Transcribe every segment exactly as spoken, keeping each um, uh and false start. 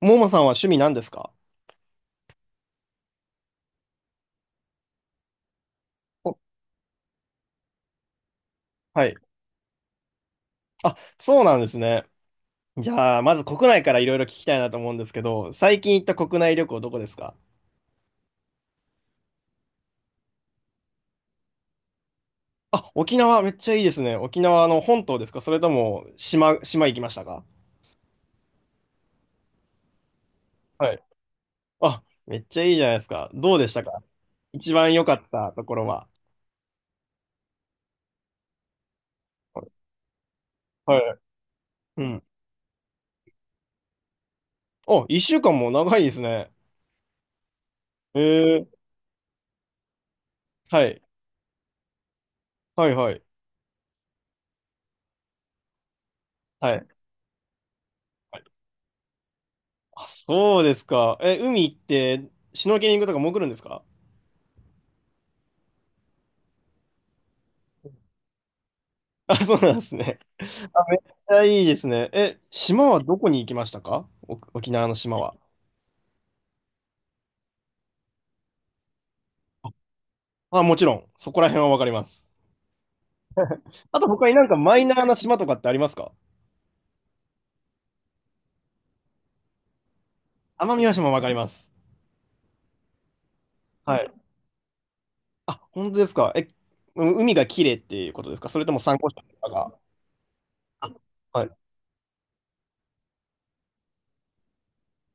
ももさんは趣味何ですか？お、はい。あ、そうなんですね。じゃあ、まず国内からいろいろ聞きたいなと思うんですけど、最近行った国内旅行どこですか？あ、沖縄めっちゃいいですね。沖縄の本島ですか、それとも島、島行きましたか？はい。あ、めっちゃいいじゃないですか。どうでしたか？一番良かったところは。はい。うん。お、一週間も長いですね。えー、はい。はいはい。はい。あ、そうですか。え、海行って、シュノーケリングとか潜るんですか？あ、そうなんですね。あ、めっちゃいいですね。え、島はどこに行きましたか？お、沖縄の島は。あ、もちろん、そこら辺はわかります。あと他になんかマイナーな島とかってありますか？奄美大島もわかります。はい。あ、本当ですか。え、う、海が綺麗っていうことですか、それとも参考書とかが。あ、はい。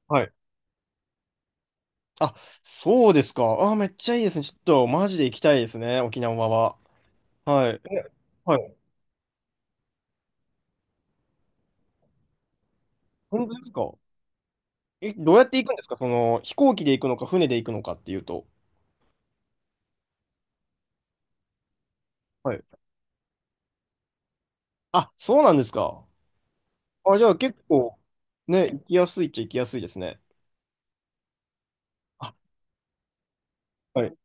はい。あ、そうですか。あ、めっちゃいいですね。ちょっとマジで行きたいですね、沖縄は。はい。え、はい。本当ですか。え、どうやって行くんですか、その、飛行機で行くのか、船で行くのかっていうと。はい、あ、そうなんですか。あ、じゃあ結構、ね、行きやすいっちゃ行きやすいですね。あ、はい。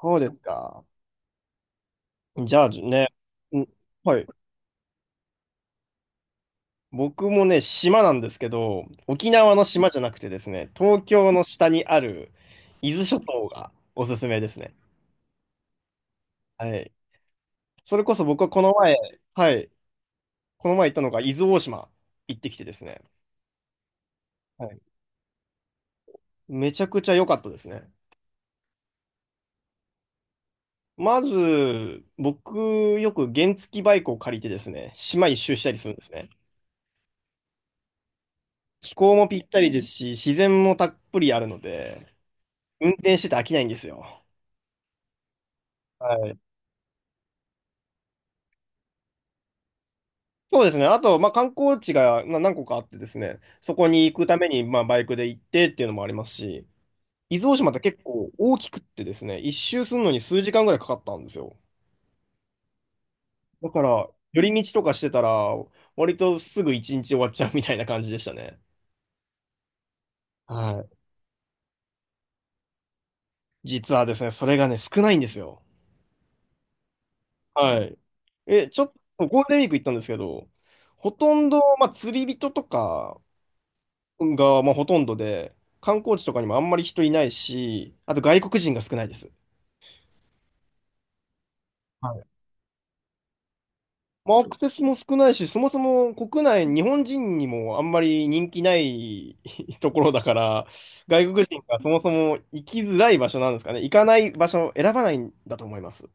そうですか。じゃあね、ん、はい。僕もね、島なんですけど、沖縄の島じゃなくてですね、東京の下にある伊豆諸島がおすすめですね。はい。それこそ僕はこの前、はい。この前行ったのが伊豆大島、行ってきてですね。はい。めちゃくちゃ良かったですね。まず、僕、よく原付バイクを借りてですね、島一周したりするんですね。気候もぴったりですし、自然もたっぷりあるので、運転してて飽きないんですよ。はい。そうですね。あと、まあ、観光地がな何個かあってですね、そこに行くために、まあ、バイクで行ってっていうのもありますし、伊豆大島って結構大きくってですね、一周するのに数時間ぐらいかかったんですよ。だから、寄り道とかしてたら、割とすぐ一日終わっちゃうみたいな感じでしたね。はい、実はですね、それがね、少ないんですよ。はい。え、ちょっとゴールデンウィーク行ったんですけど、ほとんど、まあ、釣り人とかが、まあ、ほとんどで、観光地とかにもあんまり人いないし、あと外国人が少ないです。はい。まあ、アクセスも少ないし、そもそも国内、日本人にもあんまり人気ない ところだから、外国人がそもそも行きづらい場所なんですかね。行かない場所を選ばないんだと思います。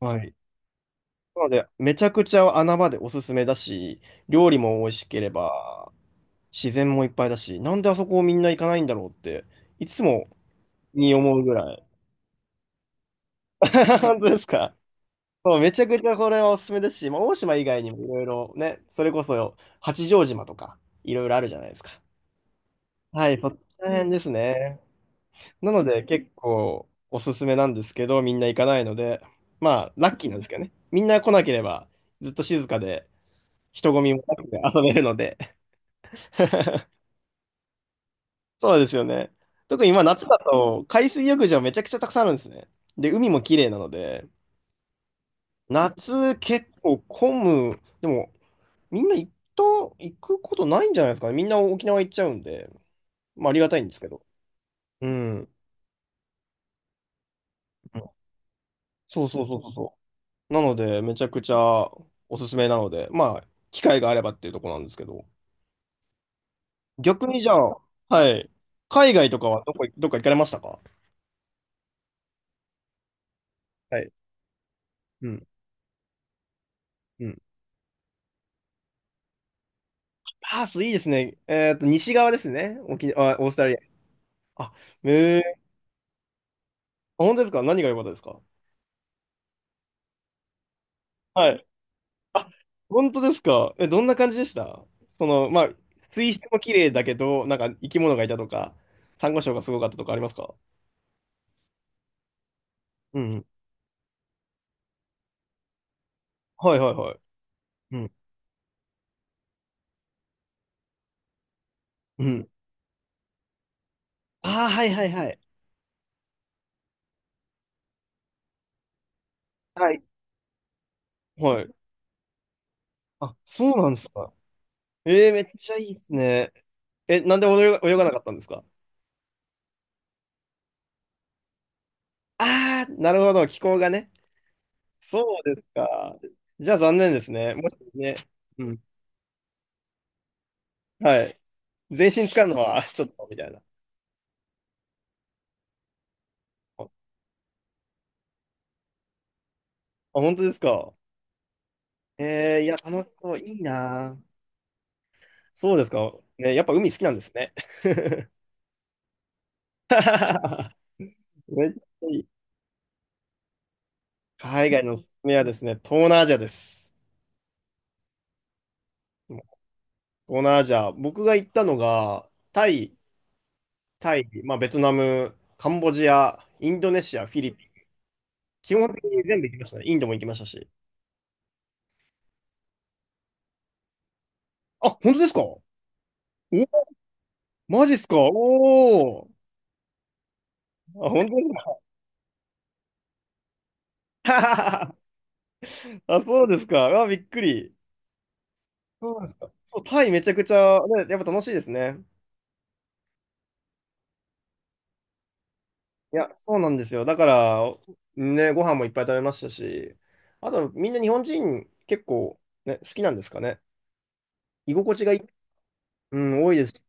はい。なので、めちゃくちゃ穴場でおすすめだし、料理も美味しければ、自然もいっぱいだし、なんであそこをみんな行かないんだろうって、いつもに思うぐらい。本当ですか？そう、めちゃくちゃこれはおすすめですし、まあ、大島以外にもいろいろね、それこそ八丈島とか、いろいろあるじゃないですか。はい、そこら辺ですね。なので、結構おすすめなんですけど、みんな行かないので、まあ、ラッキーなんですけどね。みんな来なければ、ずっと静かで、人混みもなくて遊べるので、そうですよね。特に今夏だと海水浴場めちゃくちゃたくさんあるんですね。で、海も綺麗なので、夏結構混む。でも、みんな行った、行くことないんじゃないですかね。みんな沖縄行っちゃうんで、まあありがたいんですけど。うん。そうそうそうそうそう。なので、めちゃくちゃおすすめなので、まあ、機会があればっていうところなんですけど。逆にじゃあ、はい。海外とかはどこ、どっか行かれましたか？はい。うん。うん、パースいいですね。えーっと、西側ですね。沖、あ、オーストラリア。あ、えー、あ、本当ですか？何が良かったですか？はい。あ、本当ですか？え、どんな感じでした？その、まあ、水質も綺麗だけど、なんか生き物がいたとか、サンゴ礁がすごかったとかありますか？うんうん。はいはいはい。うん。うん。ああ、はいはいはい。はい。はい。あ、そうなんですか。えー、めっちゃいいですね。え、なんで泳が、泳がなかったんですか？ああー、なるほど。気候がね。そうですか。じゃあ残念ですね。もしね、うん。はい。全身使うのは ちょっと、みたいな。あ、本当ですか。えー、いや、楽しそう。いいな。そうですか。ね、やっぱ海好きなんですね。めっちゃいい。海外のおすすめはですね、東南アジアです。東南アジア。僕が行ったのが、タイ、タイ、まあ、ベトナム、カンボジア、インドネシア、フィリピン。基本的に全部行きましたね。インドも行きましたし。あ、本当ですか？お、マジっすか？おおー。あ、本当ですか？ あ、そうですか。あ、びっくり。そうなんですか。そう、タイめちゃくちゃ、ね、やっぱ楽しいですね。いや、そうなんですよ。だから、ね、ご飯もいっぱい食べましたし、あと、みんな日本人結構、ね、好きなんですかね。居心地がいい、うん、多いです。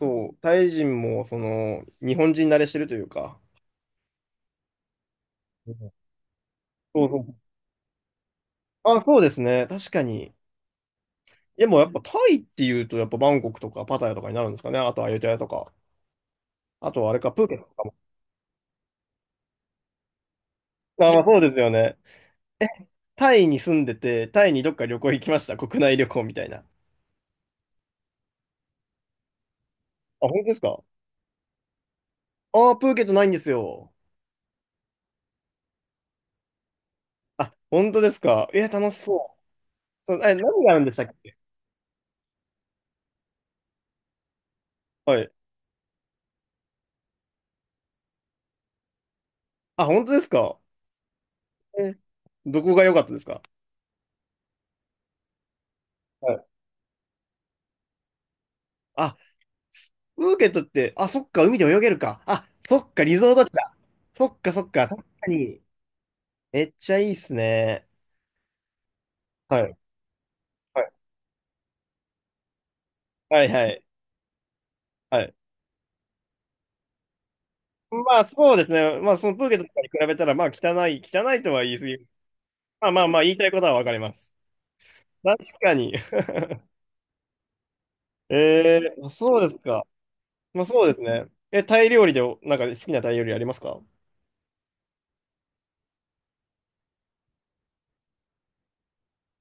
そう、タイ人も、その、日本人慣れしてるというか。うん、そうそう。あ、そうですね。確かに。でもやっぱタイっていうと、やっぱバンコクとかパタヤとかになるんですかね。あとアユタヤとか。あとはあれか、プーケットとかも。あー、まあ、そうですよね。え、タイに住んでて、タイにどっか旅行行きました。国内旅行みたいな。あ、本当ですか？ああー、プーケットないんですよ。あ、本当ですか？え、楽しそう。そう、え、何があるんでしたっけ？はい。あ、本当ですか？え、どこが良かったですか？はい。あ、プーケットって、あ、そっか、海で泳げるか。あ、そっか、リゾート地だ。そっか、そっか、確かに。めっちゃいいっすね。はい。はい。はい、はい。はい、まあそうですね。まあそのプーケットとかに比べたら、まあ汚い、汚いとは言い過ぎる。まあまあまあ言いたいことはわかります。確かに。えー、そうですか。まあそうですね。え、タイ料理でお、なんか好きなタイ料理ありますか？あ、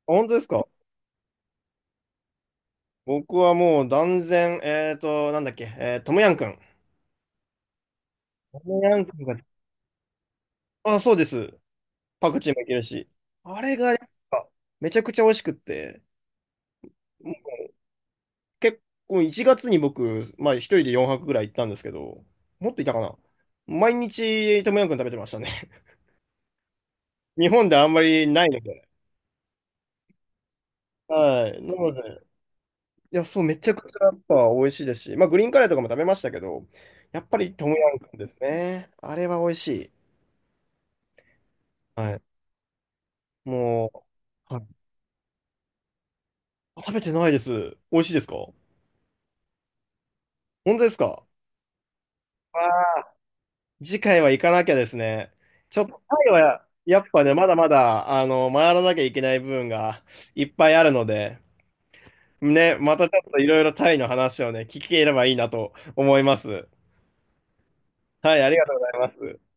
本当ですか？僕はもう断然、えーと、なんだっけ、えートムヤン君。トムヤン君が、あ、そうです。パクチーもいけるし。あれが、やっぱめちゃくちゃ美味しくって、結構いちがつに僕、まあ一人でよんぱくぐらい行ったんですけど、もっといたかな。毎日トムヤムクン食べてましたね。日本であんまりないので。はい。なので、いや、そう、めちゃくちゃやっぱ美味しいですし、まあグリーンカレーとかも食べましたけど、やっぱりトムヤムクンですね。あれは美味しい。はい。もう、はい。食べてないです。美味しいですか？本当ですか？次回は行かなきゃですね。ちょっとタイはやっぱね、まだまだ、あの、回らなきゃいけない部分がいっぱいあるので、ね、またちょっといろいろタイの話をね、聞ければいいなと思います。はい、ありがとうございます。